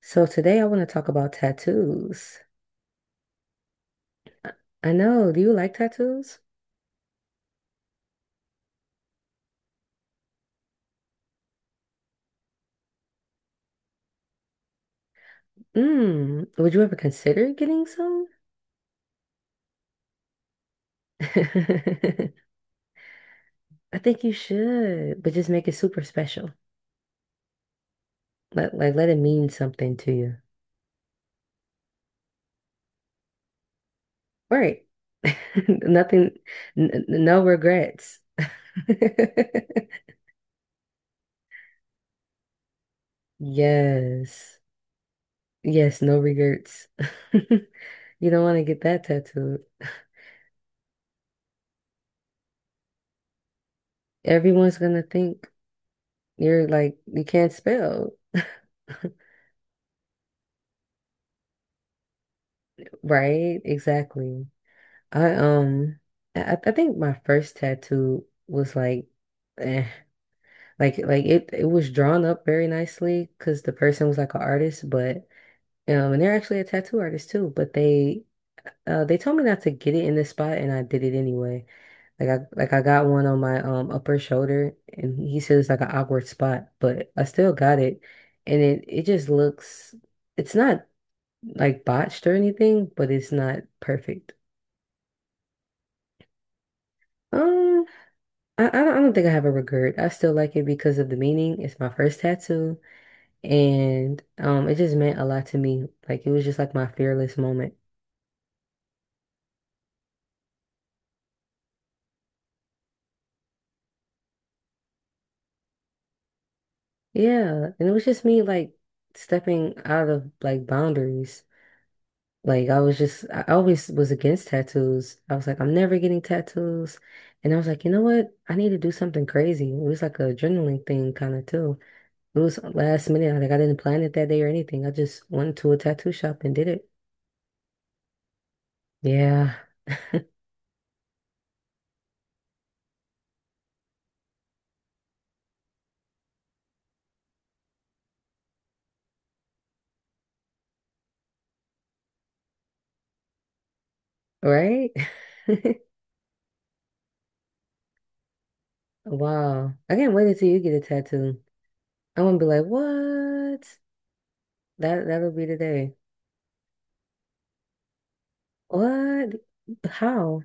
So today I want to talk about tattoos. I I know, do you like tattoos? Mm, would you ever consider getting some? I think you should, but just make it super special. Like let it mean something to you. Right. Nothing, n no regrets. Yes. Yes, no regrets. You don't want to get that tattooed. Everyone's gonna think you're like you can't spell. Right, exactly. I um I think my first tattoo was eh, like it was drawn up very nicely because the person was like an artist, but and they're actually a tattoo artist too, but they told me not to get it in this spot and I did it anyway. I got one on my upper shoulder and he said it's like an awkward spot, but I still got it and it just looks it's not like botched or anything, but it's not perfect. Um I don't think I have a regret. I still like it because of the meaning. It's my first tattoo, and it just meant a lot to me. Like it was just like my fearless moment. Yeah, and it was just me like stepping out of like boundaries. Like I was just, I always was against tattoos. I was like, I'm never getting tattoos, and I was like, you know what? I need to do something crazy. It was like a adrenaline thing kind of too. It was last minute. Like I didn't plan it that day or anything. I just went to a tattoo shop and did it. Yeah. Right? Wow. I can't wait until you get a tattoo. I'm gonna be like, what? That'll be the day. What? How?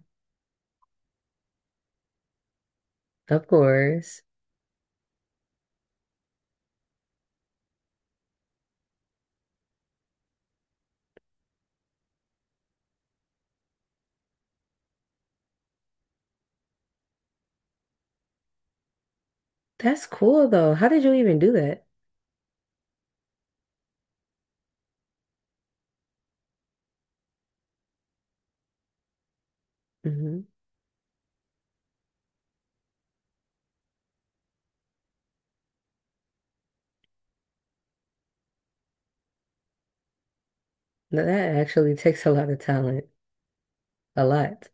Of course. That's cool though. How did you even do that? Hmm. That actually takes a lot of talent. A lot.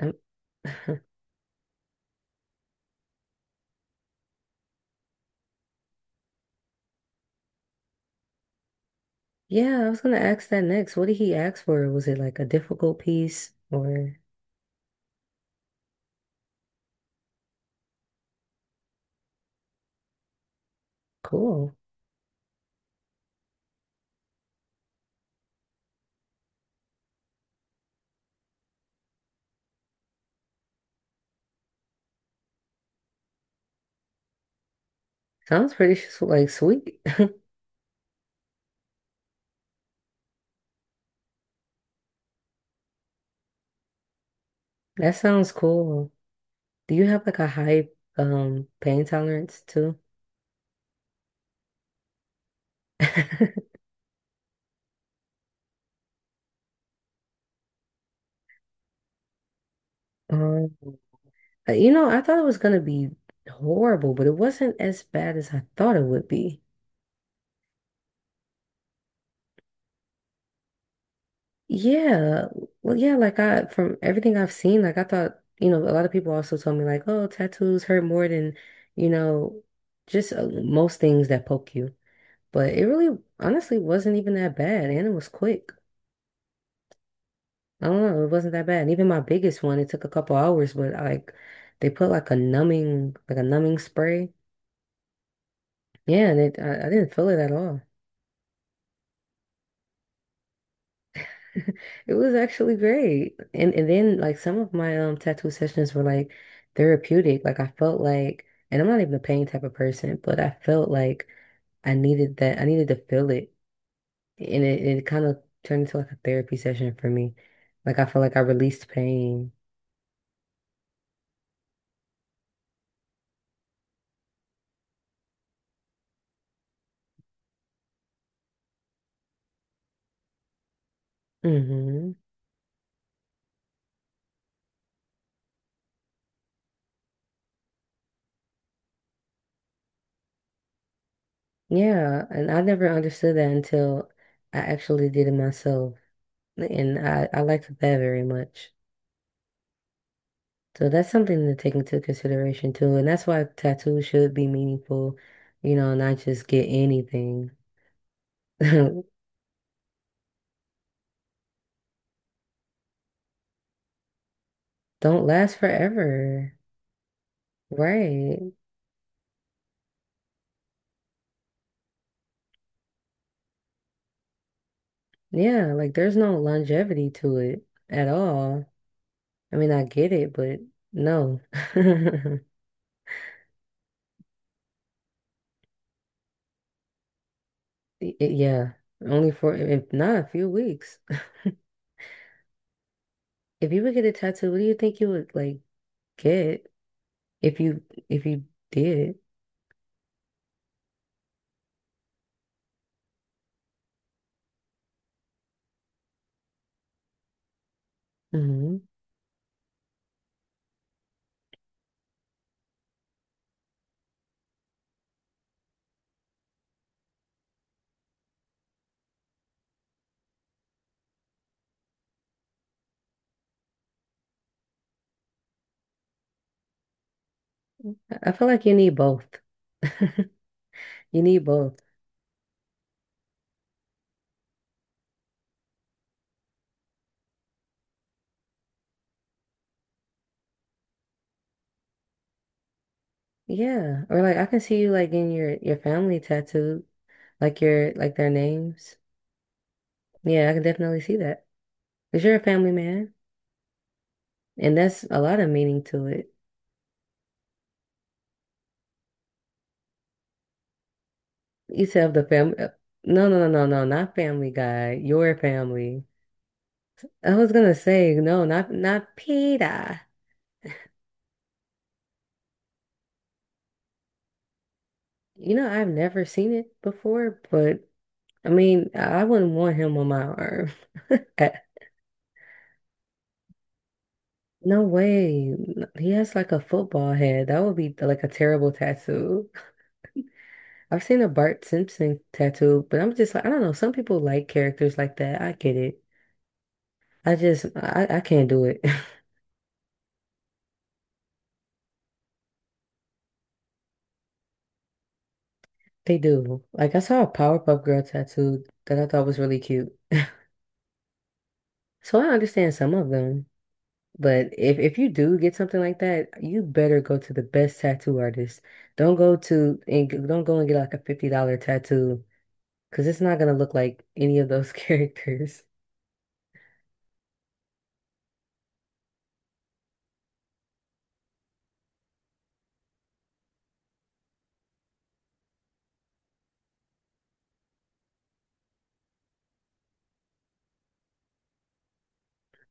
Um. Yeah, I was gonna ask that next. What did he ask for? Was it like a difficult piece or cool? Sounds pretty like sweet. That sounds cool. Do you have like a high pain tolerance too? Um, you know, I thought it was gonna be horrible, but it wasn't as bad as I thought it would be. Yeah, yeah, like I from everything I've seen, like I thought, you know, a lot of people also told me like, oh, tattoos hurt more than, you know, just most things that poke you. But it really, honestly, wasn't even that bad, and it was quick. I don't know. It wasn't that bad. And even my biggest one, it took a couple hours, but like they put like a numbing spray. Yeah, and I didn't feel it at all. It was actually great. And then like some of my tattoo sessions were like therapeutic. Like I felt like, and I'm not even a pain type of person, but I felt like I needed that. I needed to feel it, and it kind of turned into like a therapy session for me. Like I felt like I released pain. Hmm. Yeah, and I never understood that until I actually did it myself. And I liked that very much. So that's something to take into consideration too. And that's why tattoos should be meaningful, you know, not just get anything. Don't last forever. Right. Yeah, like there's no longevity to it at all. I mean, I get it, but no. Yeah, only for if not a few weeks. If you would get a tattoo, what do you think you would like? Good if you if you did. Hmm. I feel like you need both. You need both. Yeah. Or like I can see you like in your family tattooed, like your like their names. Yeah, I can definitely see that. 'Cause you're a family man, and that's a lot of meaning to it. You said of the family. No, no, no, no, no, not Family Guy. Your family. I was gonna say no, not Peter. You know, I've never seen it before, but I mean, I wouldn't want him on my arm. Eh, No way. He has like a football head. That would be like a terrible tattoo. I've seen a Bart Simpson tattoo, but I'm just like, I don't know. Some people like characters like that. I get it. I can't do it. They do. Like, I saw a Powerpuff Girl tattoo that I thought was really cute. So I understand some of them. But if you do get something like that, you better go to the best tattoo artist. Don't go to and g- Don't go and get like a $50 tattoo. Because it's not going to look like any of those characters.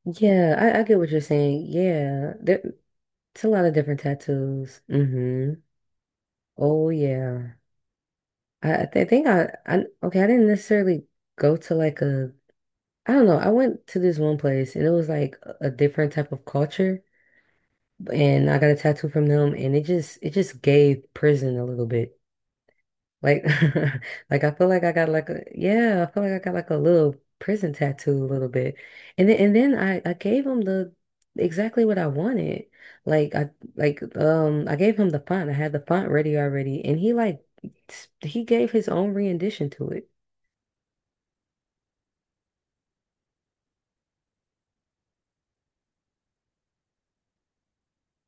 Yeah, I get what you're saying. Yeah, there, it's a lot of different tattoos. Hmm. Oh, yeah. I th- think I, okay, I didn't necessarily go to I don't know. I went to this one place and it was like a different type of culture and I got a tattoo from them and it just gave prison a little bit. Like, like I feel like I got like a yeah, I feel like I got like a little prison tattoo a little bit, and then I gave him the exactly what I wanted. I gave him the font. I had the font ready already, and he gave his own rendition to it.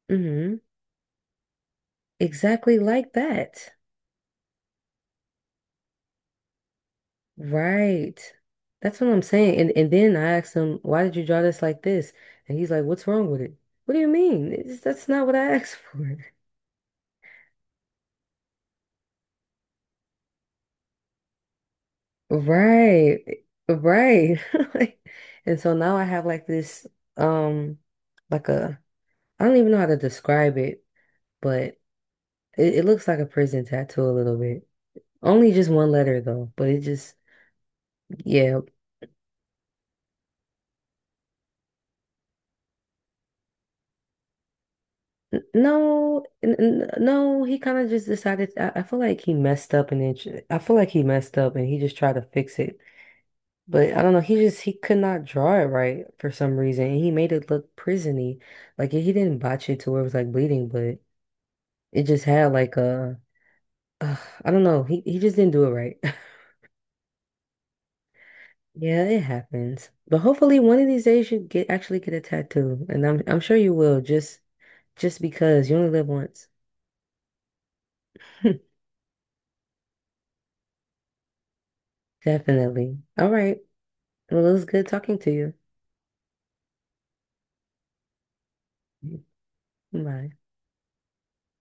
Hmm. Exactly like that. Right. That's what I'm saying. And then I asked him, why did you draw this like this? And he's like, what's wrong with it? What do you mean? It's, that's not what I asked for. Right. Right. Like, and so now I have like this um like a I don't even know how to describe it, but it looks like a prison tattoo a little bit. Only just one letter though, but it just yeah. N- No, n- n- no, he kind of just decided I feel like he messed up and I feel like he messed up and he just tried to fix it. But I don't know, he just he could not draw it right for some reason. And he made it look prisony. Like he didn't botch it to where it was like bleeding, but it just had like uh, I don't know. He just didn't do it right. Yeah, it happens. But hopefully one of these days you get actually get a tattoo. And I'm sure you will just because you only live once. Definitely. All right. Well, it was good talking to you. Bye.